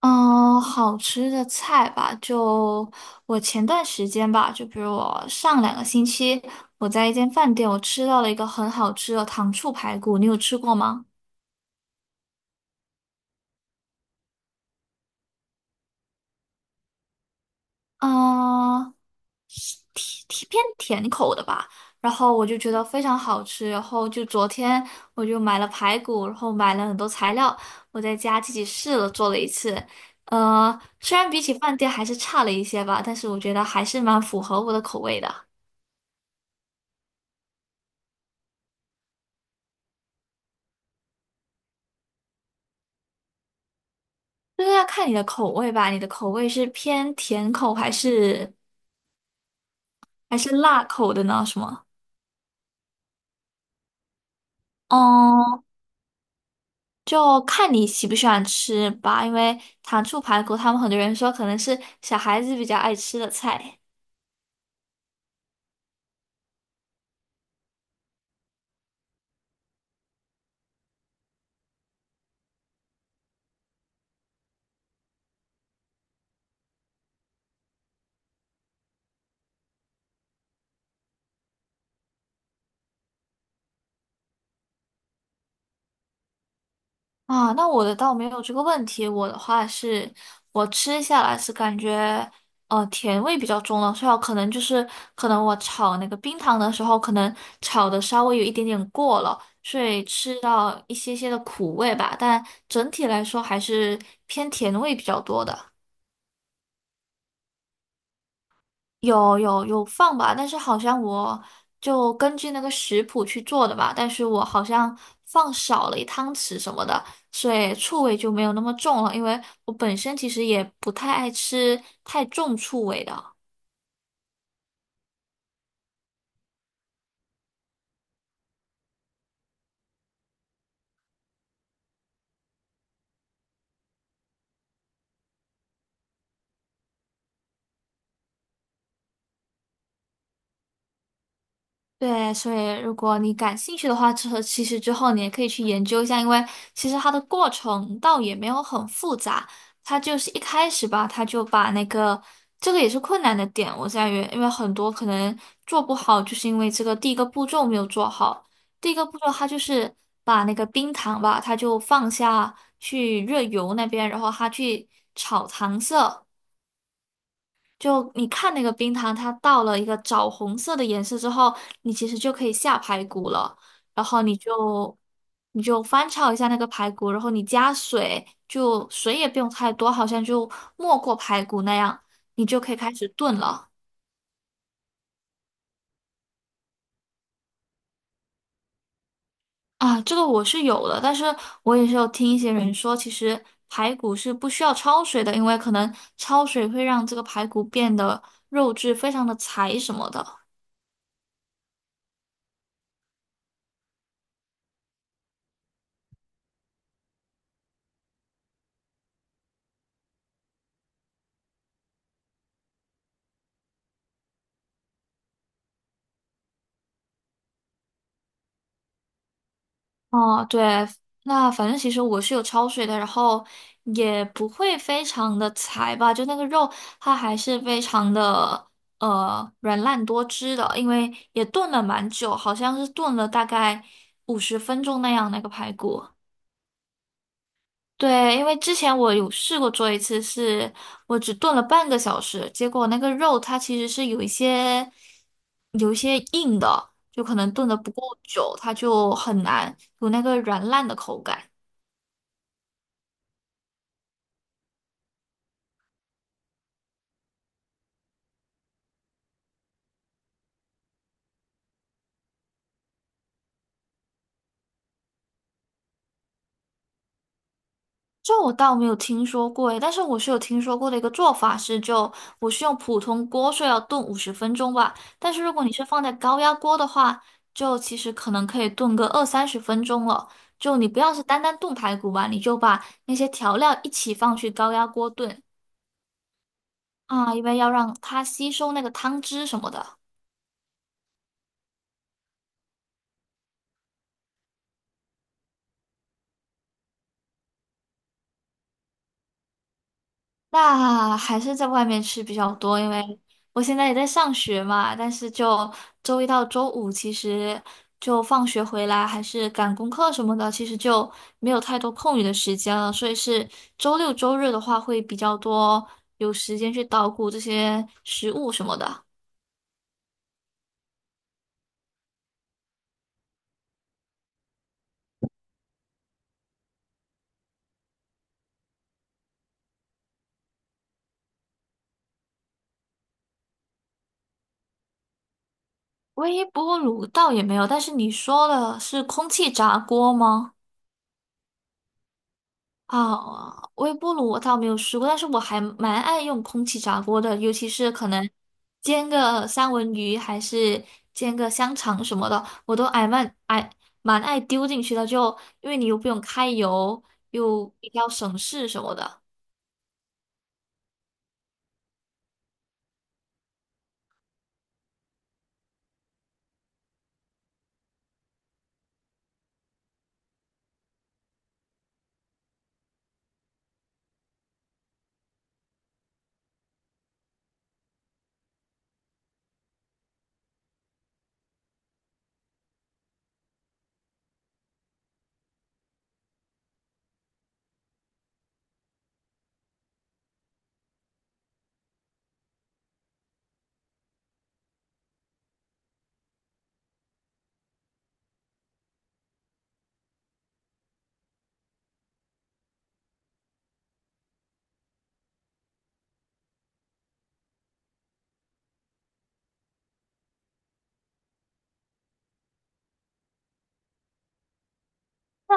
嗯，好吃的菜吧，就我前段时间吧，就比如我上2个星期，我在一间饭店，我吃到了一个很好吃的糖醋排骨，你有吃过吗？嗯，偏甜口的吧，然后我就觉得非常好吃，然后就昨天我就买了排骨，然后买了很多材料，我在家自己试了做了一次，虽然比起饭店还是差了一些吧，但是我觉得还是蛮符合我的口味的。就是要看你的口味吧，你的口味是偏甜口还是辣口的呢？什么？嗯，就看你喜不喜欢吃吧，因为糖醋排骨，他们很多人说可能是小孩子比较爱吃的菜。啊，那我的倒没有这个问题。我的话是，我吃下来是感觉，甜味比较重了，所以我可能就是，可能我炒那个冰糖的时候，可能炒的稍微有一点点过了，所以吃到一些些的苦味吧。但整体来说还是偏甜味比较多的。有放吧，但是好像我就根据那个食谱去做的吧，但是我好像放少了一汤匙什么的，所以醋味就没有那么重了，因为我本身其实也不太爱吃太重醋味的。对，所以如果你感兴趣的话，之后其实之后你也可以去研究一下，因为其实它的过程倒也没有很复杂，它就是一开始吧，它就把那个这个也是困难的点，我在于，因为很多可能做不好，就是因为这个第一个步骤没有做好，第一个步骤它就是把那个冰糖吧，它就放下去热油那边，然后它去炒糖色。就你看那个冰糖，它到了一个枣红色的颜色之后，你其实就可以下排骨了。然后你就翻炒一下那个排骨，然后你加水，就水也不用太多，好像就没过排骨那样，你就可以开始炖了。啊，这个我是有的，但是我也是有听一些人说，其实排骨是不需要焯水的，因为可能焯水会让这个排骨变得肉质非常的柴什么的。哦，对，那反正其实我是有焯水的，然后也不会非常的柴吧，就那个肉它还是非常的软烂多汁的，因为也炖了蛮久，好像是炖了大概五十分钟那样那个排骨。对，因为之前我有试过做一次是，我只炖了半个小时，结果那个肉它其实是有一些硬的，就可能炖的不够久，它就很难有那个软烂的口感。这我倒没有听说过诶，但是我是有听说过的一个做法是就，我是用普通锅，所以要炖五十分钟吧。但是如果你是放在高压锅的话，就其实可能可以炖个二三十分钟了。就你不要是单单炖排骨吧，你就把那些调料一起放去高压锅炖啊，因为要让它吸收那个汤汁什么的。那还是在外面吃比较多，因为我现在也在上学嘛，但是就周一到周五，其实就放学回来还是赶功课什么的，其实就没有太多空余的时间了，所以是周六周日的话会比较多有时间去捣鼓这些食物什么的。微波炉倒也没有，但是你说的是空气炸锅吗？啊，微波炉我倒没有试过，但是我还蛮爱用空气炸锅的，尤其是可能煎个三文鱼，还是煎个香肠什么的，我都爱蛮爱蛮爱丢进去的，就因为你又不用开油，又比较省事什么的。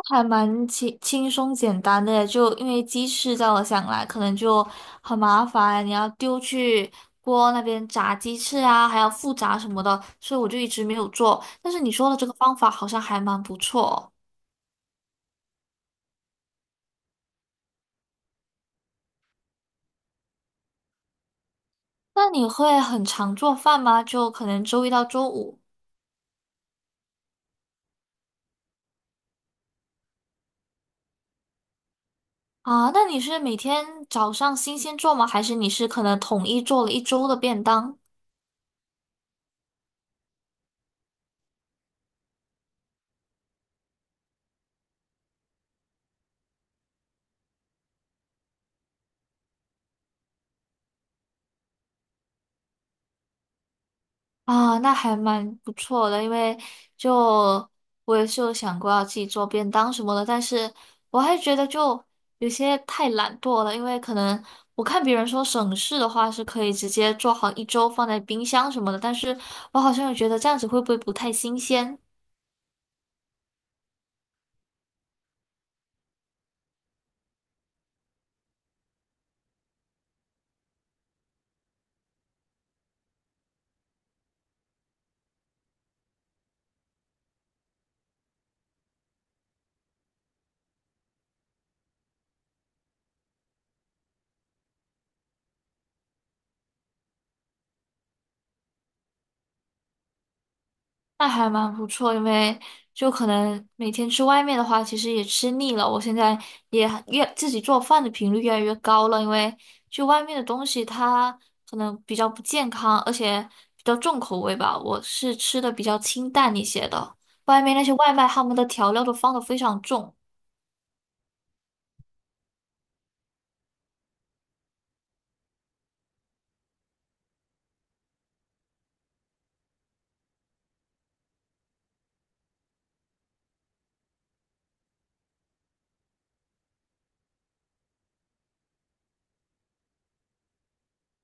还蛮轻松简单的，就因为鸡翅在我想来可能就很麻烦，你要丢去锅那边炸鸡翅啊，还要复炸什么的，所以我就一直没有做。但是你说的这个方法好像还蛮不错。那你会很常做饭吗？就可能周一到周五啊？那你是每天早上新鲜做吗？还是你是可能统一做了一周的便当？啊，那还蛮不错的，因为就我也是有想过要自己做便当什么的，但是我还觉得就有些太懒惰了，因为可能我看别人说省事的话是可以直接做好一周放在冰箱什么的，但是我好像又觉得这样子会不会不太新鲜？那还蛮不错，因为就可能每天吃外面的话，其实也吃腻了。我现在也越自己做饭的频率越来越高了，因为就外面的东西它可能比较不健康，而且比较重口味吧。我是吃的比较清淡一些的，外面那些外卖他们的调料都放的非常重。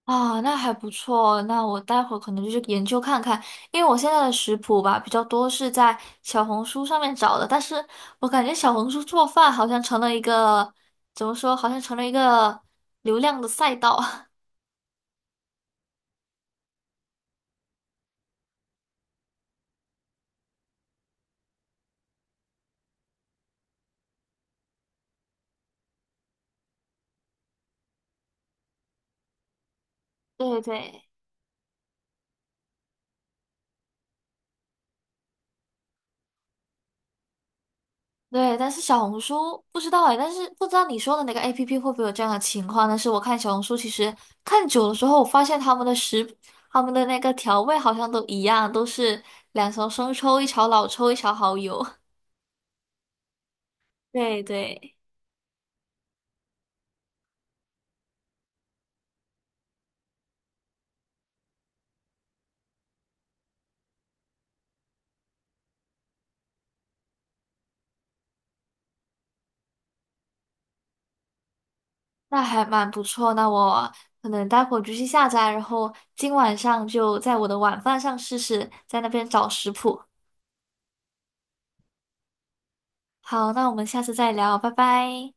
啊，那还不错。那我待会儿可能就是研究看看，因为我现在的食谱吧比较多是在小红书上面找的，但是我感觉小红书做饭好像成了一个，怎么说，好像成了一个流量的赛道。对对对，但是小红书不知道哎，但是不知道你说的那个 APP 会不会有这样的情况？但是我看小红书其实看久了之后，我发现他们的食，他们的那个调味好像都一样，都是2勺生抽，一勺老抽，一勺蚝油。对对。那还蛮不错。那我可能待会儿就去下载，然后今晚上就在我的晚饭上试试，在那边找食谱。好，那我们下次再聊，拜拜。